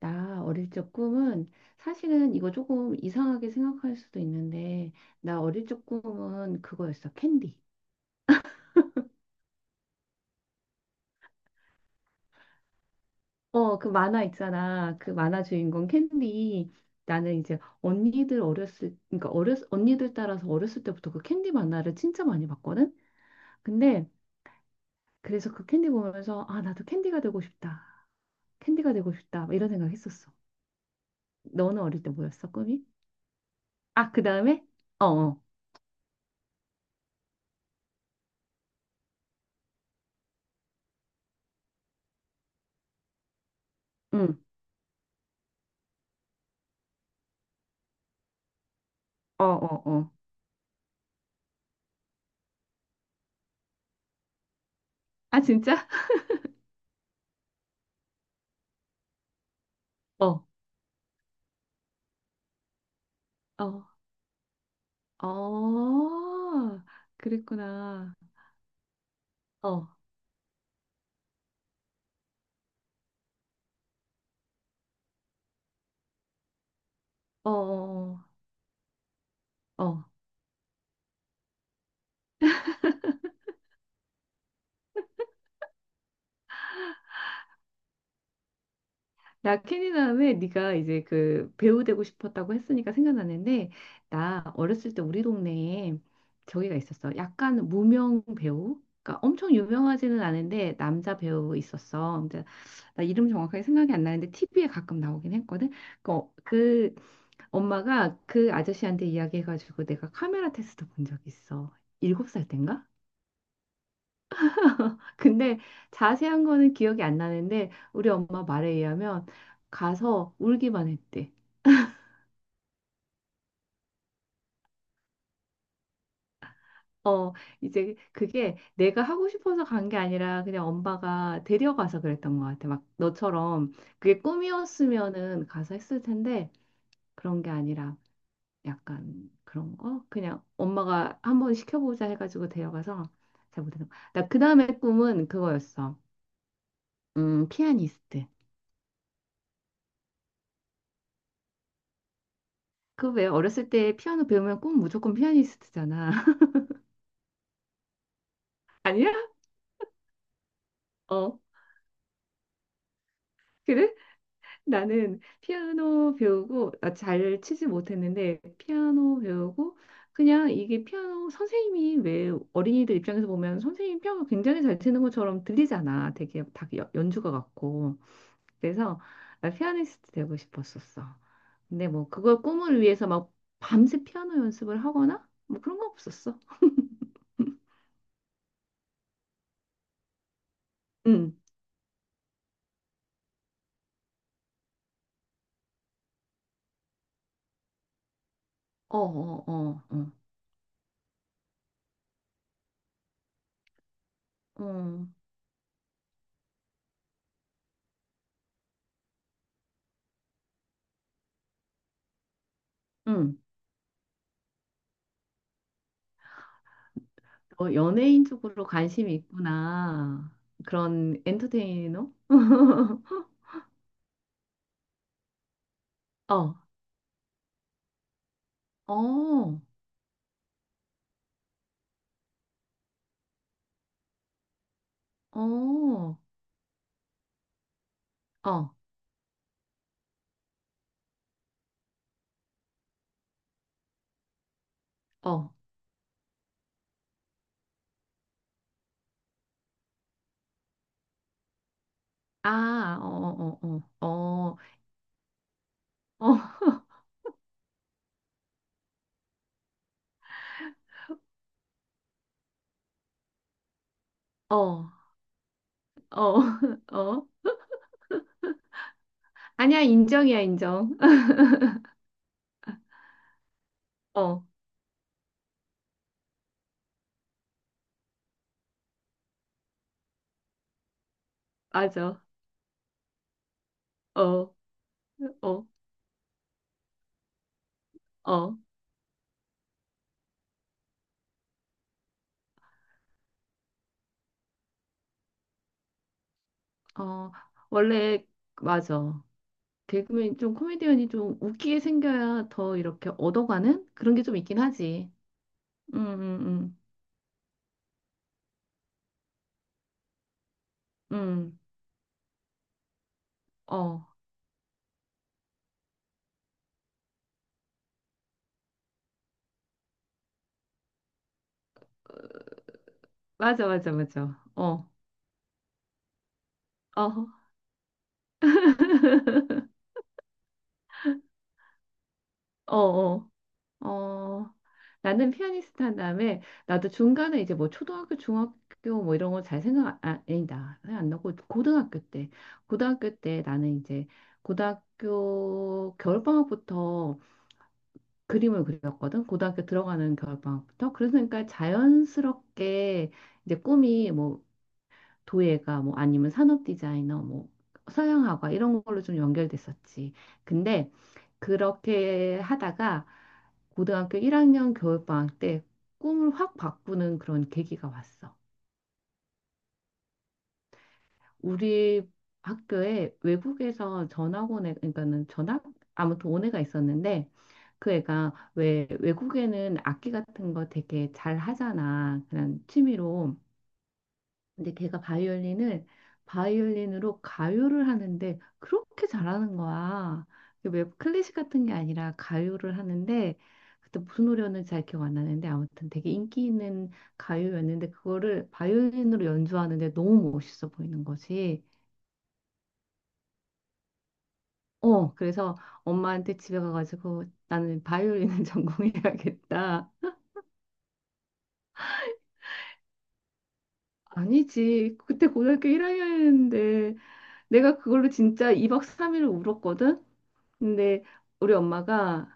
나 어릴 적 꿈은, 사실은 이거 조금 이상하게 생각할 수도 있는데, 나 어릴 적 꿈은 그거였어, 캔디. 그 만화 있잖아, 그 만화 주인공 캔디. 나는 이제 언니들 어렸을 그러니까 어렸 언니들 따라서 어렸을 때부터 그 캔디 만화를 진짜 많이 봤거든. 근데 그래서 그 캔디 보면서, 아, 나도 캔디가 되고 싶다, 캔디가 되고 싶다 막 이런 생각 했었어. 너는 어릴 때 뭐였어 꿈이? 아, 그 다음에. 어어. 응. 어어. 어. 아, 진짜? 어. 어. 어, 그랬구나. 어, 어, 어, 어. 어. 나 캐니다음에 네가 이제 그 배우 되고 싶었다고 했으니까 생각나는데, 나 어렸을 때 우리 동네에 저기가 있었어. 약간 무명 배우? 그러니까 엄청 유명하지는 않은데 남자 배우 있었어. 근데 나 이름 정확하게 생각이 안 나는데 TV에 가끔 나오긴 했거든. 그, 어- 그 엄마가 그 아저씨한테 이야기해가지고 내가 카메라 테스트 본 적 있어. 7살 땐가? 근데 자세한 거는 기억이 안 나는데 우리 엄마 말에 의하면 가서 울기만 했대. 어, 이제 그게 내가 하고 싶어서 간 게 아니라 그냥 엄마가 데려가서 그랬던 것 같아. 막 너처럼. 그게 꿈이었으면은 가서 했을 텐데, 그런 게 아니라 약간 그런 거? 그냥 엄마가 한번 시켜보자 해가지고 데려가서 잘 못했던 거. 나그 다음에 꿈은 그거였어. 피아니스트. 그 왜 어렸을 때 피아노 배우면 꿈 무조건 피아니스트잖아. 어, 그래? 나는 피아노 배우고, 아, 잘 치지 못했는데, 피아노 배우고, 그냥 이게 피아노 선생님이 왜 어린이들 입장에서 보면 선생님 피아노 굉장히 잘 치는 것처럼 들리잖아. 되게 다 연주가 같고. 그래서 나 피아니스트 되고 싶었었어. 근데 뭐 그걸 꿈을 위해서 막 밤새 피아노 연습을 하거나 뭐 그런 거 없었어. 응. 어, 어, 어, 어, 어, 응. 어, 연예인 쪽으로 관심이 있구나. 그런 엔터테이너? 어, 어, 어, 어, 어. 아, 어, 어, 어, 어, 어, 어, 어, 어. 어. 아니야, 인정이야, 인정. 어, 맞아. 어, 어, 어, 어. 원래, 맞아. 개그맨, 좀 코미디언이 좀 웃기게 생겨야 더 이렇게 얻어가는 그런 게 좀 있긴 하지. 음, 음, 음, 음, 어. 맞아, 맞아, 맞아. 어, 어, 어, 어, 어. 나는 피아니스트 한 다음에 나도 중간에 이제 뭐 초등학교, 중학교 뭐 이런 거 잘 생각, 아, 아니다. 생각 안 나고 고등학교 때. 고등학교 때 나는 이제 고등학교 겨울방학부터 그림을 그렸거든. 고등학교 들어가는 겨울방학부터. 그러니까 자연스럽게 이제 꿈이 뭐 도예가 뭐 아니면 산업 디자이너 뭐 서양화가 이런 걸로 좀 연결됐었지. 근데 그렇게 하다가 고등학교 1학년 겨울방학 때 꿈을 확 바꾸는 그런 계기가 왔어. 우리 학교에 외국에서 전학 온 애, 그러니까는 전학 아무튼 온 애가 있었는데 그 애가 왜 외국에는 악기 같은 거 되게 잘 하잖아. 그냥 취미로. 근데 걔가 바이올린을 바이올린으로 가요를 하는데 그렇게 잘하는 거야. 이게 왜 클래식 같은 게 아니라 가요를 하는데, 그때 무슨 노래였는지 잘 기억 안 나는데, 아무튼 되게 인기 있는 가요였는데 그거를 바이올린으로 연주하는데 너무 멋있어 보이는 거지. 어, 그래서 엄마한테 집에 가가지고 나는 바이올린을 전공해야겠다. 아니지. 그때 고등학교 1학년이었는데 내가 그걸로 진짜 2박 3일 울었거든. 근데 우리 엄마가,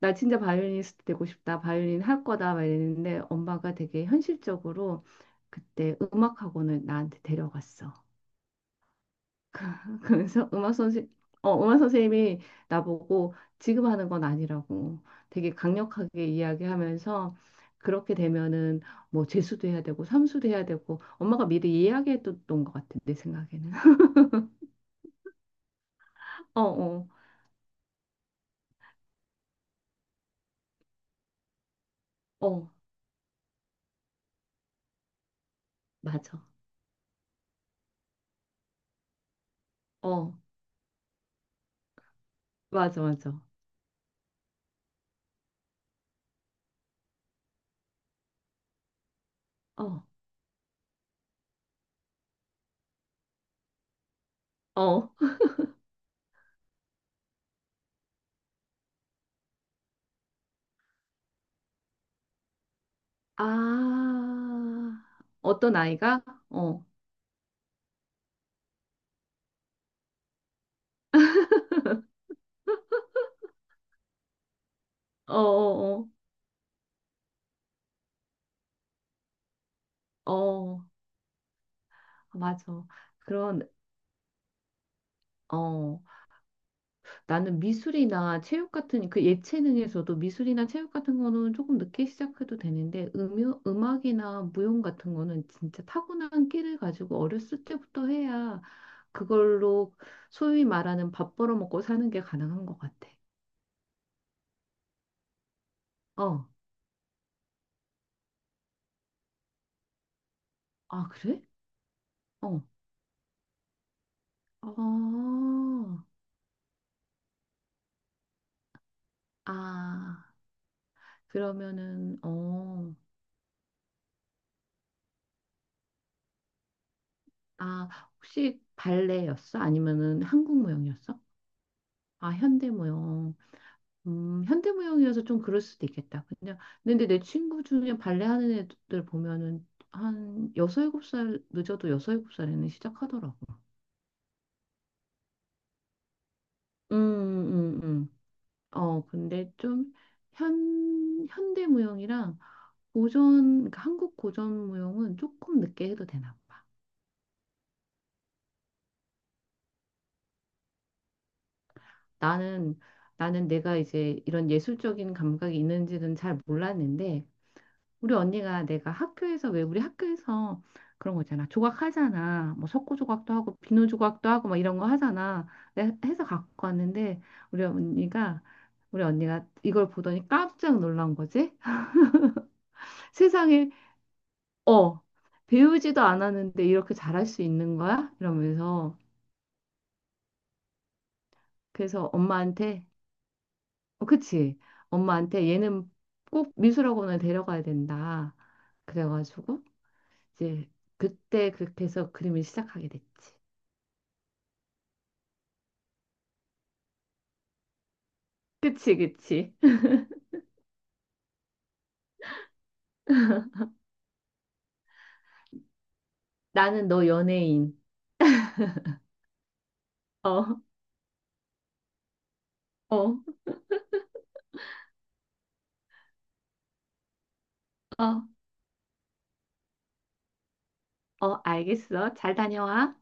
나 진짜 바이올리니스트 되고 싶다, 바이올린 할 거다 막 이랬는데, 엄마가 되게 현실적으로 그때 음악 학원을 나한테 데려갔어. 그래서 음악 선생님이 나보고 지금 하는 건 아니라고 되게 강력하게 이야기하면서, 그렇게 되면은 뭐 재수도 해야 되고 삼수도 해야 되고, 엄마가 미리 이야기해뒀던 것 같아 내 생각에는. 어, 어, 어, 맞아. 어, 맞아, 맞아. 어, 어. 아, 어떤 아이가? 어, 어, 어, 어, 어, 아, 맞아. 그런, 어, 나는 미술이나 체육 같은, 그 예체능에서도 미술이나 체육 같은 거는 조금 늦게 시작해도 되는데, 음악이나 무용 같은 거는 진짜 타고난 끼를 가지고 어렸을 때부터 해야 그걸로 소위 말하는 밥 벌어먹고 사는 게 가능한 것 같아. 어, 아, 그래? 어, 아, 아. 그러면은 어, 아, 혹시 발레였어? 아니면은 한국 무용이었어? 아, 현대 무용. 현대 무용이어서 좀 그럴 수도 있겠다. 그냥 근데 내 친구 중에 발레 하는 애들 보면은 한 여섯 일곱 살, 늦어도 여섯 일곱 살에는 시작하더라고. 음, 음, 음. 어, 근데 좀 현대 무용이랑 고전, 그러니까 한국 고전 무용은 조금 늦게 해도 되나 봐. 나는 나는 내가 이제 이런 예술적인 감각이 있는지는 잘 몰랐는데 우리 언니가, 내가 학교에서 왜 우리 학교에서 그런 거 있잖아, 조각하잖아. 뭐 석고 조각도 하고 비누 조각도 하고 막 이런 거 하잖아. 내가 해서 갖고 왔는데 우리 언니가 우리 언니가 이걸 보더니 깜짝 놀란 거지. 세상에, 어, 배우지도 않았는데 이렇게 잘할 수 있는 거야? 이러면서 그래서 엄마한테, 어, 그치, 엄마한테, 얘는 꼭 미술학원을 데려가야 된다. 그래가지고 이제 그때 그렇게 해서 그림을 시작하게 됐지. 그치, 그치. 나는 너 연예인. 어, 어, 어, 어, 알겠어. 잘 다녀와.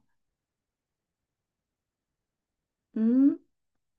음.